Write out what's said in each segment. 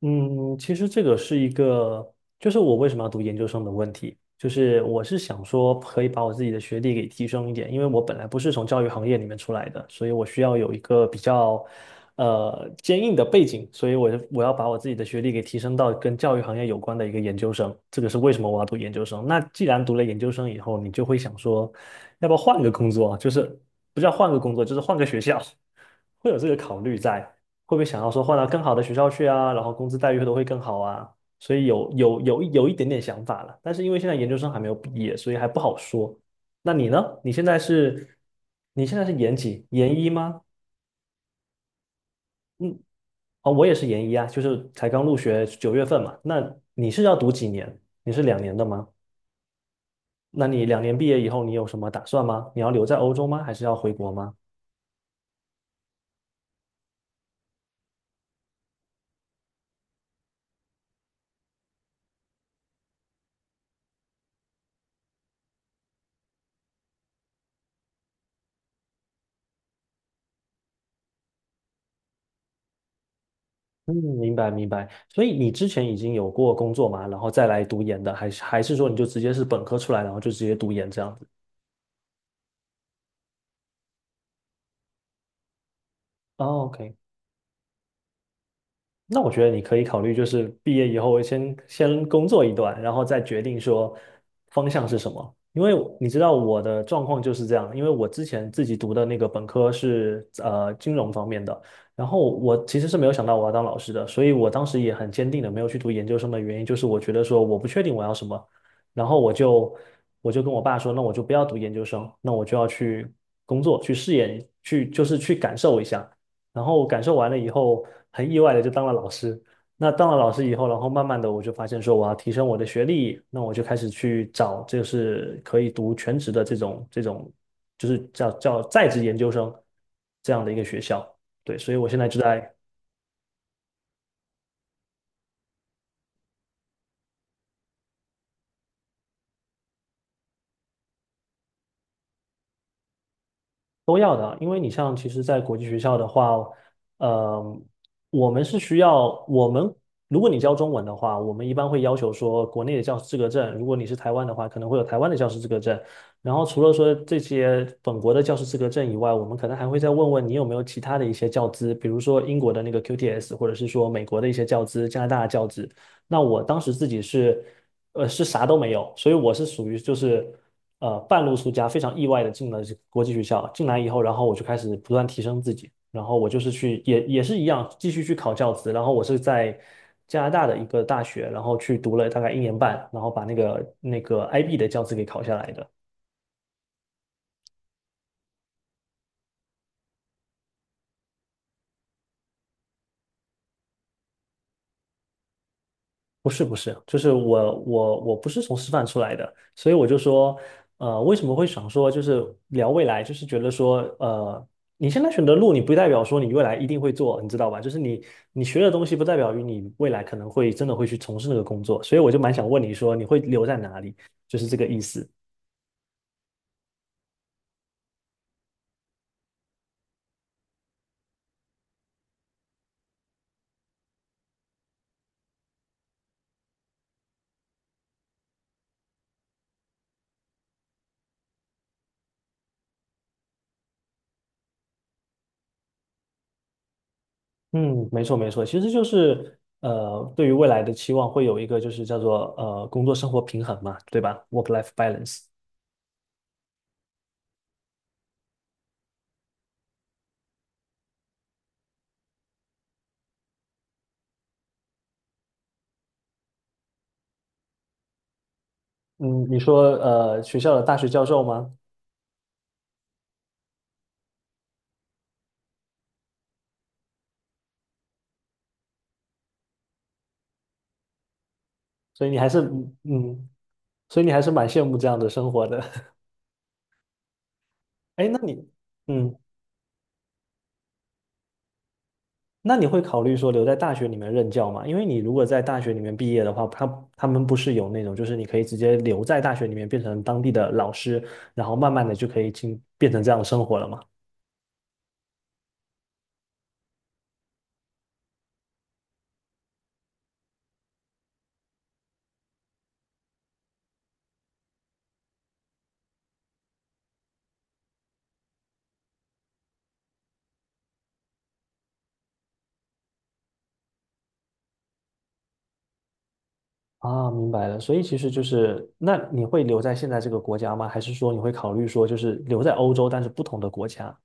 嗯，其实这个是一个，就是我为什么要读研究生的问题，就是我是想说可以把我自己的学历给提升一点，因为我本来不是从教育行业里面出来的，所以我需要有一个比较坚硬的背景，所以我要把我自己的学历给提升到跟教育行业有关的一个研究生，这个是为什么我要读研究生。那既然读了研究生以后，你就会想说，要不要换个工作啊，就是不叫换个工作，就是换个学校。会有这个考虑在，会不会想要说换到更好的学校去啊，然后工资待遇都会更好啊，所以有一点点想法了，但是因为现在研究生还没有毕业，所以还不好说。那你呢？你现在是，你现在是研几？研一吗？嗯，哦，我也是研一啊，就是才刚入学9月份嘛。那你是要读几年？你是两年的吗？那你两年毕业以后，你有什么打算吗？你要留在欧洲吗？还是要回国吗？嗯，明白明白。所以你之前已经有过工作嘛，然后再来读研的，还是说你就直接是本科出来，然后就直接读研这样子？哦，OK。那我觉得你可以考虑，就是毕业以后先工作一段，然后再决定说方向是什么。因为你知道我的状况就是这样，因为我之前自己读的那个本科是金融方面的，然后我其实是没有想到我要当老师的，所以我当时也很坚定的没有去读研究生的原因就是我觉得说我不确定我要什么，然后我就跟我爸说，那我就不要读研究生，那我就要去工作，去试验，去就是去感受一下。然后我感受完了以后，很意外的就当了老师。那当了老师以后，然后慢慢的我就发现说我要提升我的学历，那我就开始去找就是可以读全职的这种，就是叫在职研究生这样的一个学校。对，所以我现在就在都要的啊，因为你像其实，在国际学校的话，呃，我们是需要我们，如果你教中文的话，我们一般会要求说国内的教师资格证，如果你是台湾的话，可能会有台湾的教师资格证。然后除了说这些本国的教师资格证以外，我们可能还会再问问你有没有其他的一些教资，比如说英国的那个 QTS,或者是说美国的一些教资、加拿大的教资，那我当时自己是，是啥都没有，所以我是属于就是，半路出家，非常意外的进了这个国际学校。进来以后，然后我就开始不断提升自己，然后我就是去也是一样，继续去考教资。然后我是在加拿大的一个大学，然后去读了大概一年半，然后把那个 IB 的教资给考下来的。不是不是，就是我不是从师范出来的，所以我就说，为什么会想说就是聊未来，就是觉得说，你现在选的路，你不代表说你未来一定会做，你知道吧？就是你学的东西，不代表于你未来可能会真的会去从事那个工作，所以我就蛮想问你说，你会留在哪里？就是这个意思。嗯，没错没错，其实就是对于未来的期望会有一个就是叫做工作生活平衡嘛，对吧？Work-life balance。嗯，你说学校的大学教授吗？所以你还是嗯，嗯所以你还是蛮羡慕这样的生活的。哎，嗯，那你会考虑说留在大学里面任教吗？因为你如果在大学里面毕业的话，他们不是有那种，就是你可以直接留在大学里面变成当地的老师，然后慢慢的就可以变成这样的生活了吗？啊，明白了。所以其实就是，那你会留在现在这个国家吗？还是说你会考虑说就是留在欧洲，但是不同的国家？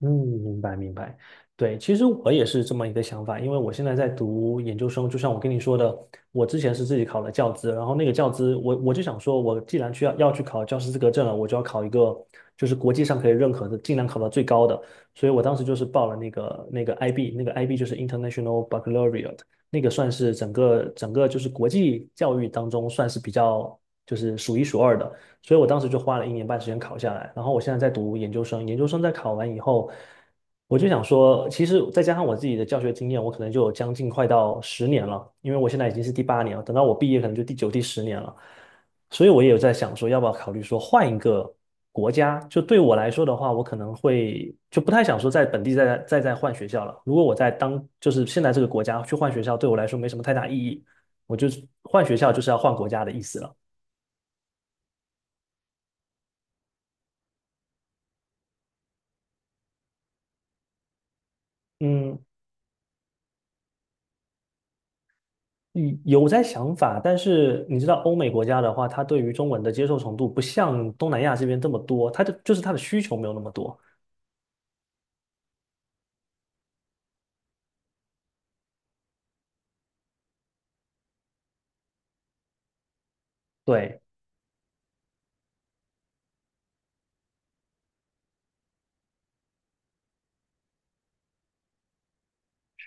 嗯，明白明白，对，其实我也是这么一个想法，因为我现在在读研究生，就像我跟你说的，我之前是自己考了教资，然后那个教资，我就想说，我既然去要去考教师资格证了，我就要考一个就是国际上可以认可的，尽量考到最高的，所以我当时就是报了那个 IB,那个 IB 就是 International Baccalaureate,那个算是整个就是国际教育当中算是比较就是数一数二的。所以我当时就花了一年半时间考下来，然后我现在在读研究生，研究生在考完以后，我就想说，其实再加上我自己的教学经验，我可能就有将近快到十年了，因为我现在已经是第8年了，等到我毕业可能就第9、第10年了，所以我也有在想说，要不要考虑说换一个国家？就对我来说的话，我可能会就不太想说在本地再换学校了。如果我在就是现在这个国家去换学校，对我来说没什么太大意义，我就换学校就是要换国家的意思了。嗯，嗯,有在想法，但是你知道欧美国家的话，他对于中文的接受程度不像东南亚这边这么多，他的需求没有那么多。对，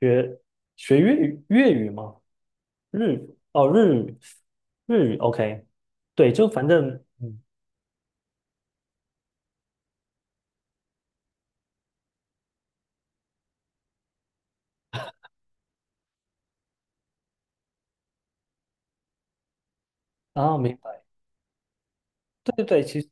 学学粤语吗？日语哦，日语日语 OK,对，就反正嗯明白。对对对，其实。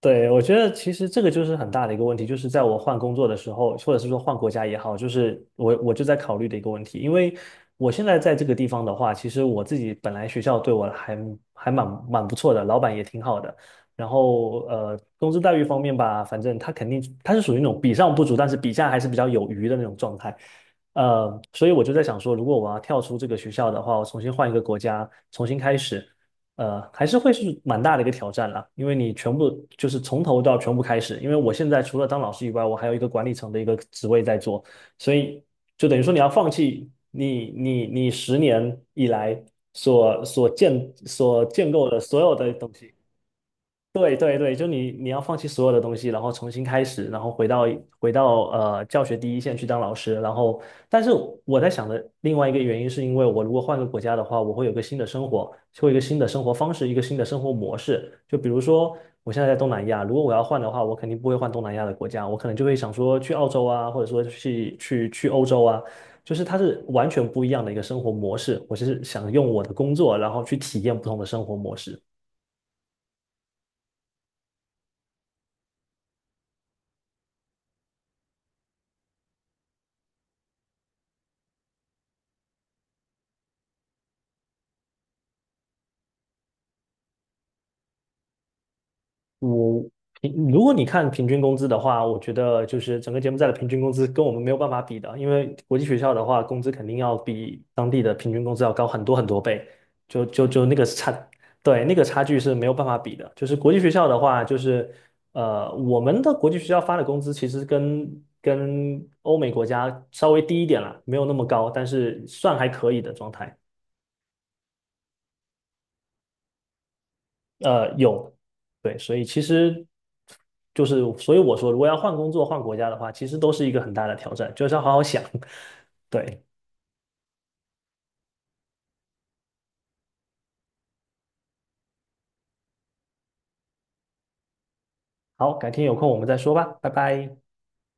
对，我觉得其实这个就是很大的一个问题，就是在我换工作的时候，或者是说换国家也好，就是我就在考虑的一个问题，因为我现在在这个地方的话，其实我自己本来学校对我还蛮不错的，老板也挺好的，然后工资待遇方面吧，反正他肯定他是属于那种比上不足，但是比下还是比较有余的那种状态，所以我就在想说，如果我要跳出这个学校的话，我重新换一个国家，重新开始。还是会是蛮大的一个挑战啦，因为你全部就是从头到全部开始。因为我现在除了当老师以外，我还有一个管理层的一个职位在做，所以就等于说你要放弃你十年以来所建构的所有的东西。对对对，就你要放弃所有的东西，然后重新开始，然后回到教学第一线去当老师，然后但是我在想的另外一个原因是因为我如果换个国家的话，我会有个新的生活，会有一个新的生活方式，一个新的生活模式。就比如说我现在在东南亚，如果我要换的话，我肯定不会换东南亚的国家，我可能就会想说去澳洲啊，或者说去欧洲啊，就是它是完全不一样的一个生活模式。我是想用我的工作，然后去体验不同的生活模式。我如果你看平均工资的话，我觉得就是整个柬埔寨的平均工资跟我们没有办法比的，因为国际学校的话，工资肯定要比当地的平均工资要高很多很多倍，就那个差，对，那个差距是没有办法比的。就是国际学校的话，就是我们的国际学校发的工资其实跟欧美国家稍微低一点啦，没有那么高，但是算还可以的状态。有，对，所以其实就是，所以我说，如果要换工作、换国家的话，其实都是一个很大的挑战，就是要好好想。对，好，改天有空我们再说吧，拜拜。